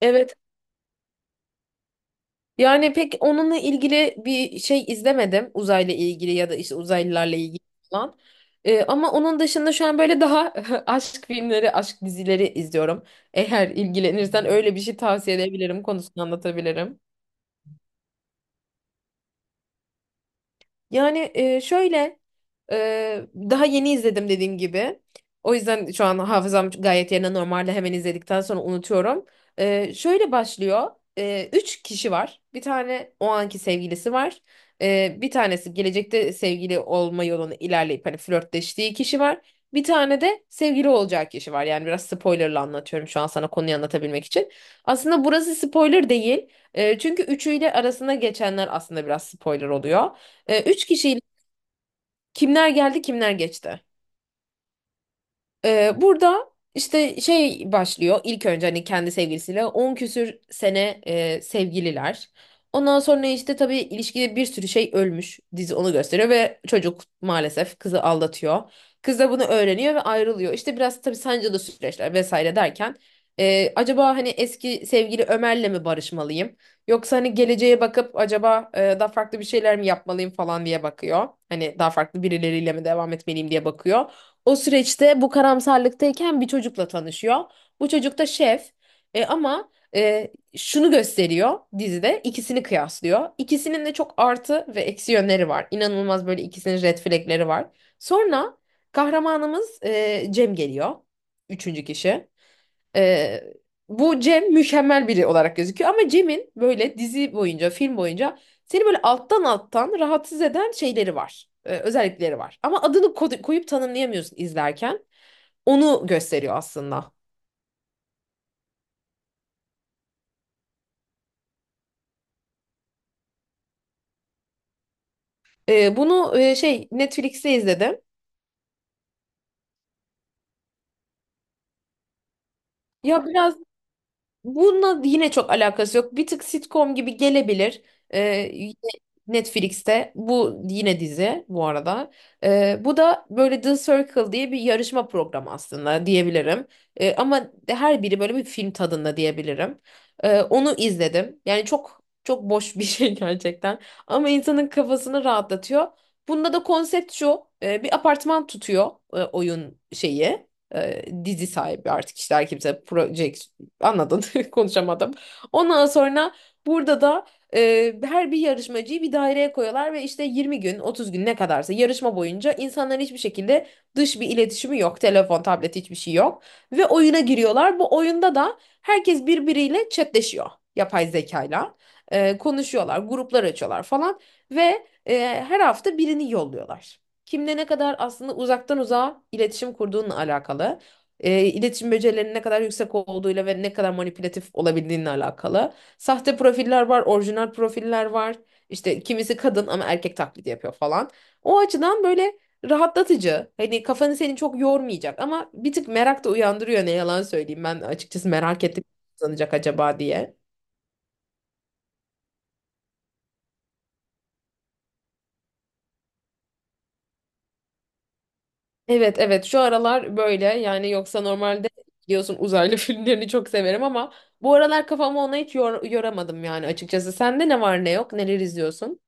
Evet. Yani pek onunla ilgili bir şey izlemedim. Uzayla ilgili ya da işte uzaylılarla ilgili falan. Ama onun dışında şu an böyle daha aşk filmleri, aşk dizileri izliyorum. Eğer ilgilenirsen öyle bir şey tavsiye edebilirim, konusunu anlatabilirim. Yani şöyle, daha yeni izledim dediğim gibi. O yüzden şu an hafızam gayet yerine normalde hemen izledikten sonra unutuyorum. Şöyle başlıyor. Üç kişi var. Bir tane o anki sevgilisi var. Bir tanesi gelecekte sevgili olma yolunu ilerleyip hani flörtleştiği kişi var. Bir tane de sevgili olacağı kişi var. Yani biraz spoilerla anlatıyorum şu an sana konuyu anlatabilmek için. Aslında burası spoiler değil. Çünkü üçüyle arasında geçenler aslında biraz spoiler oluyor. Üç kişiyle, kimler geldi kimler geçti? Burada işte şey başlıyor, ilk önce hani kendi sevgilisiyle 10 küsür sene sevgililer. Ondan sonra işte tabii ilişkide bir sürü şey ölmüş, dizi onu gösteriyor ve çocuk maalesef kızı aldatıyor. Kız da bunu öğreniyor ve ayrılıyor. İşte biraz tabii sancılı süreçler vesaire derken acaba hani eski sevgili Ömer'le mi barışmalıyım? Yoksa hani geleceğe bakıp acaba daha farklı bir şeyler mi yapmalıyım falan diye bakıyor. Hani daha farklı birileriyle mi devam etmeliyim diye bakıyor. O süreçte bu karamsarlıktayken bir çocukla tanışıyor. Bu çocuk da şef. Ama şunu gösteriyor, dizide ikisini kıyaslıyor. İkisinin de çok artı ve eksi yönleri var. İnanılmaz böyle ikisinin red flagleri var. Sonra kahramanımız Cem geliyor. Üçüncü kişi. Ee, Bu Cem mükemmel biri olarak gözüküyor ama Cem'in böyle dizi boyunca, film boyunca seni böyle alttan alttan rahatsız eden şeyleri var, özellikleri var. Ama adını koyup tanımlayamıyorsun izlerken. Onu gösteriyor aslında. Bunu şey Netflix'te izledim. Ya biraz, bununla yine çok alakası yok. Bir tık sitcom gibi gelebilir. Ee, Yine Netflix'te, bu yine dizi bu arada. Bu da böyle The Circle diye bir yarışma programı aslında diyebilirim. Ama her biri böyle bir film tadında diyebilirim. Onu izledim. Yani çok çok boş bir şey gerçekten. Ama insanın kafasını rahatlatıyor. Bunda da konsept şu. Bir apartman tutuyor, oyun şeyi, dizi sahibi artık işte her kimse proje, anladın konuşamadım. Ondan sonra burada da her bir yarışmacıyı bir daireye koyuyorlar ve işte 20 gün 30 gün ne kadarsa yarışma boyunca insanların hiçbir şekilde dış bir iletişimi yok. Telefon, tablet hiçbir şey yok. Ve oyuna giriyorlar. Bu oyunda da herkes birbiriyle chatleşiyor, yapay zekayla. Konuşuyorlar, gruplar açıyorlar falan ve her hafta birini yolluyorlar. Kimle ne kadar aslında uzaktan uzağa iletişim kurduğunla alakalı, iletişim becerilerinin ne kadar yüksek olduğuyla ve ne kadar manipülatif olabildiğinle alakalı. Sahte profiller var, orijinal profiller var. İşte kimisi kadın ama erkek taklidi yapıyor falan. O açıdan böyle rahatlatıcı. Hani kafanı seni çok yormayacak ama bir tık merak da uyandırıyor ne yalan söyleyeyim. Ben açıkçası merak ettim sanacak acaba diye. Evet, evet şu aralar böyle yani, yoksa normalde biliyorsun uzaylı filmlerini çok severim ama bu aralar kafamı ona hiç yoramadım yani açıkçası. Sende ne var ne yok, neler izliyorsun?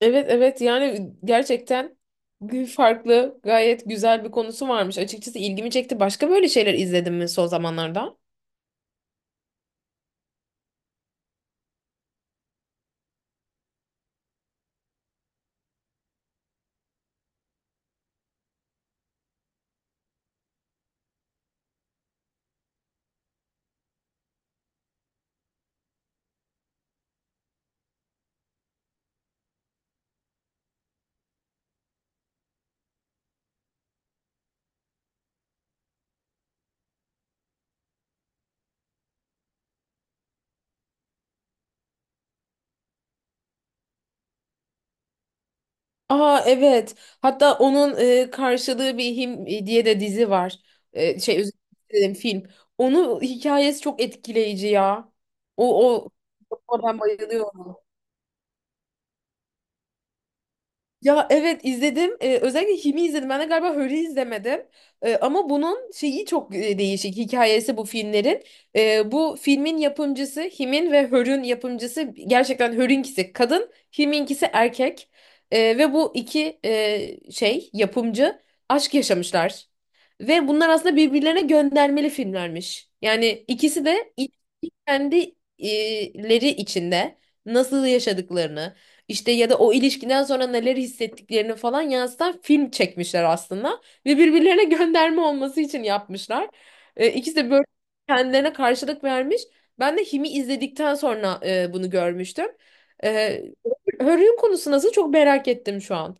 Evet, evet yani gerçekten farklı, gayet güzel bir konusu varmış. Açıkçası ilgimi çekti. Başka böyle şeyler izledin mi son zamanlarda? Aa evet. Hatta onun karşılığı bir him diye de dizi var. Şey, özür dilerim, film. Onun hikayesi çok etkileyici ya. O ona ben bayılıyorum. Ya evet izledim. Özellikle Him'i izledim. Ben de galiba Hör'ü izlemedim. Ama bunun şeyi çok değişik hikayesi bu filmlerin. Bu filmin yapımcısı, Him'in ve Hör'ün yapımcısı, gerçekten Hör'ünkisi kadın, Him'inkisi erkek. Ve bu iki şey yapımcı aşk yaşamışlar. Ve bunlar aslında birbirlerine göndermeli filmlermiş. Yani ikisi de kendi içinde nasıl yaşadıklarını, işte ya da o ilişkiden sonra neler hissettiklerini falan yansıtan film çekmişler aslında. Ve birbirlerine gönderme olması için yapmışlar. İkisi de böyle kendilerine karşılık vermiş. Ben de Him'i izledikten sonra bunu görmüştüm. E, Hör'ün konusu nasıl, çok merak ettim şu an.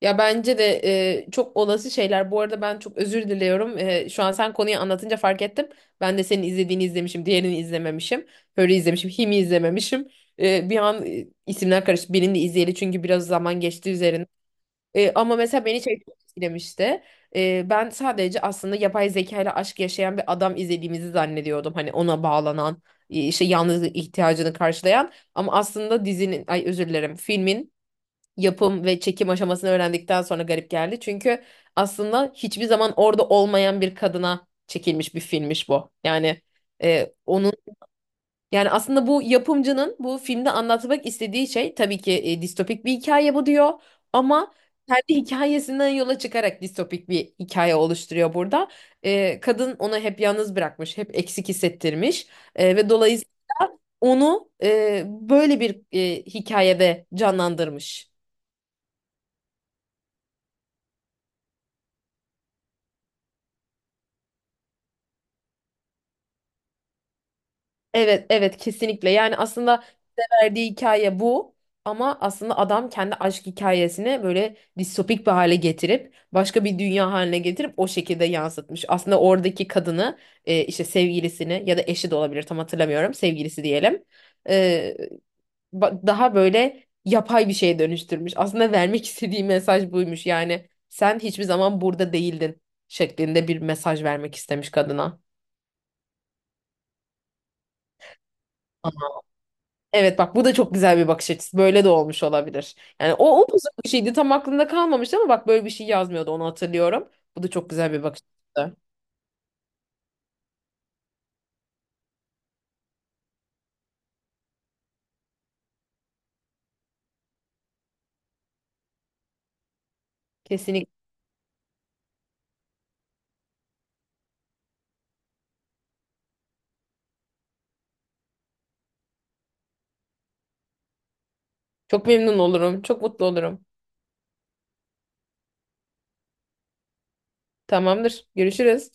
Ya bence de çok olası şeyler. Bu arada ben çok özür diliyorum. Şu an sen konuyu anlatınca fark ettim. Ben de senin izlediğini izlemişim, diğerini izlememişim. Böyle izlemişim, Him'i izlememişim. Bir an isimler karıştı. Birini izleyeli çünkü biraz zaman geçti üzerine. Ama mesela beni şey çok etkilemişti. Ben sadece aslında yapay zeka ile aşk yaşayan bir adam izlediğimizi zannediyordum. Hani ona bağlanan, işte yalnızlık ihtiyacını karşılayan. Ama aslında dizinin, ay özür dilerim, filmin yapım ve çekim aşamasını öğrendikten sonra garip geldi. Çünkü aslında hiçbir zaman orada olmayan bir kadına çekilmiş bir filmmiş bu. Yani e, onun yani aslında bu yapımcının bu filmde anlatmak istediği şey tabii ki distopik bir hikaye bu diyor ama kendi hikayesinden yola çıkarak distopik bir hikaye oluşturuyor burada. Kadın onu hep yalnız bırakmış, hep eksik hissettirmiş. Ve dolayısıyla onu böyle bir hikayede canlandırmış. Evet, evet kesinlikle. Yani aslında verdiği hikaye bu, ama aslında adam kendi aşk hikayesini böyle distopik bir hale getirip başka bir dünya haline getirip o şekilde yansıtmış. Aslında oradaki kadını, işte sevgilisini ya da eşi de olabilir tam hatırlamıyorum, sevgilisi diyelim. E, daha böyle yapay bir şeye dönüştürmüş. Aslında vermek istediği mesaj buymuş. Yani sen hiçbir zaman burada değildin şeklinde bir mesaj vermek istemiş kadına. Evet bak, bu da çok güzel bir bakış açısı. Böyle de olmuş olabilir. Yani o upuzun bir şeydi tam aklımda kalmamıştı ama bak böyle bir şey yazmıyordu onu hatırlıyorum. Bu da çok güzel bir bakış açısı. Kesinlikle. Çok memnun olurum. Çok mutlu olurum. Tamamdır. Görüşürüz.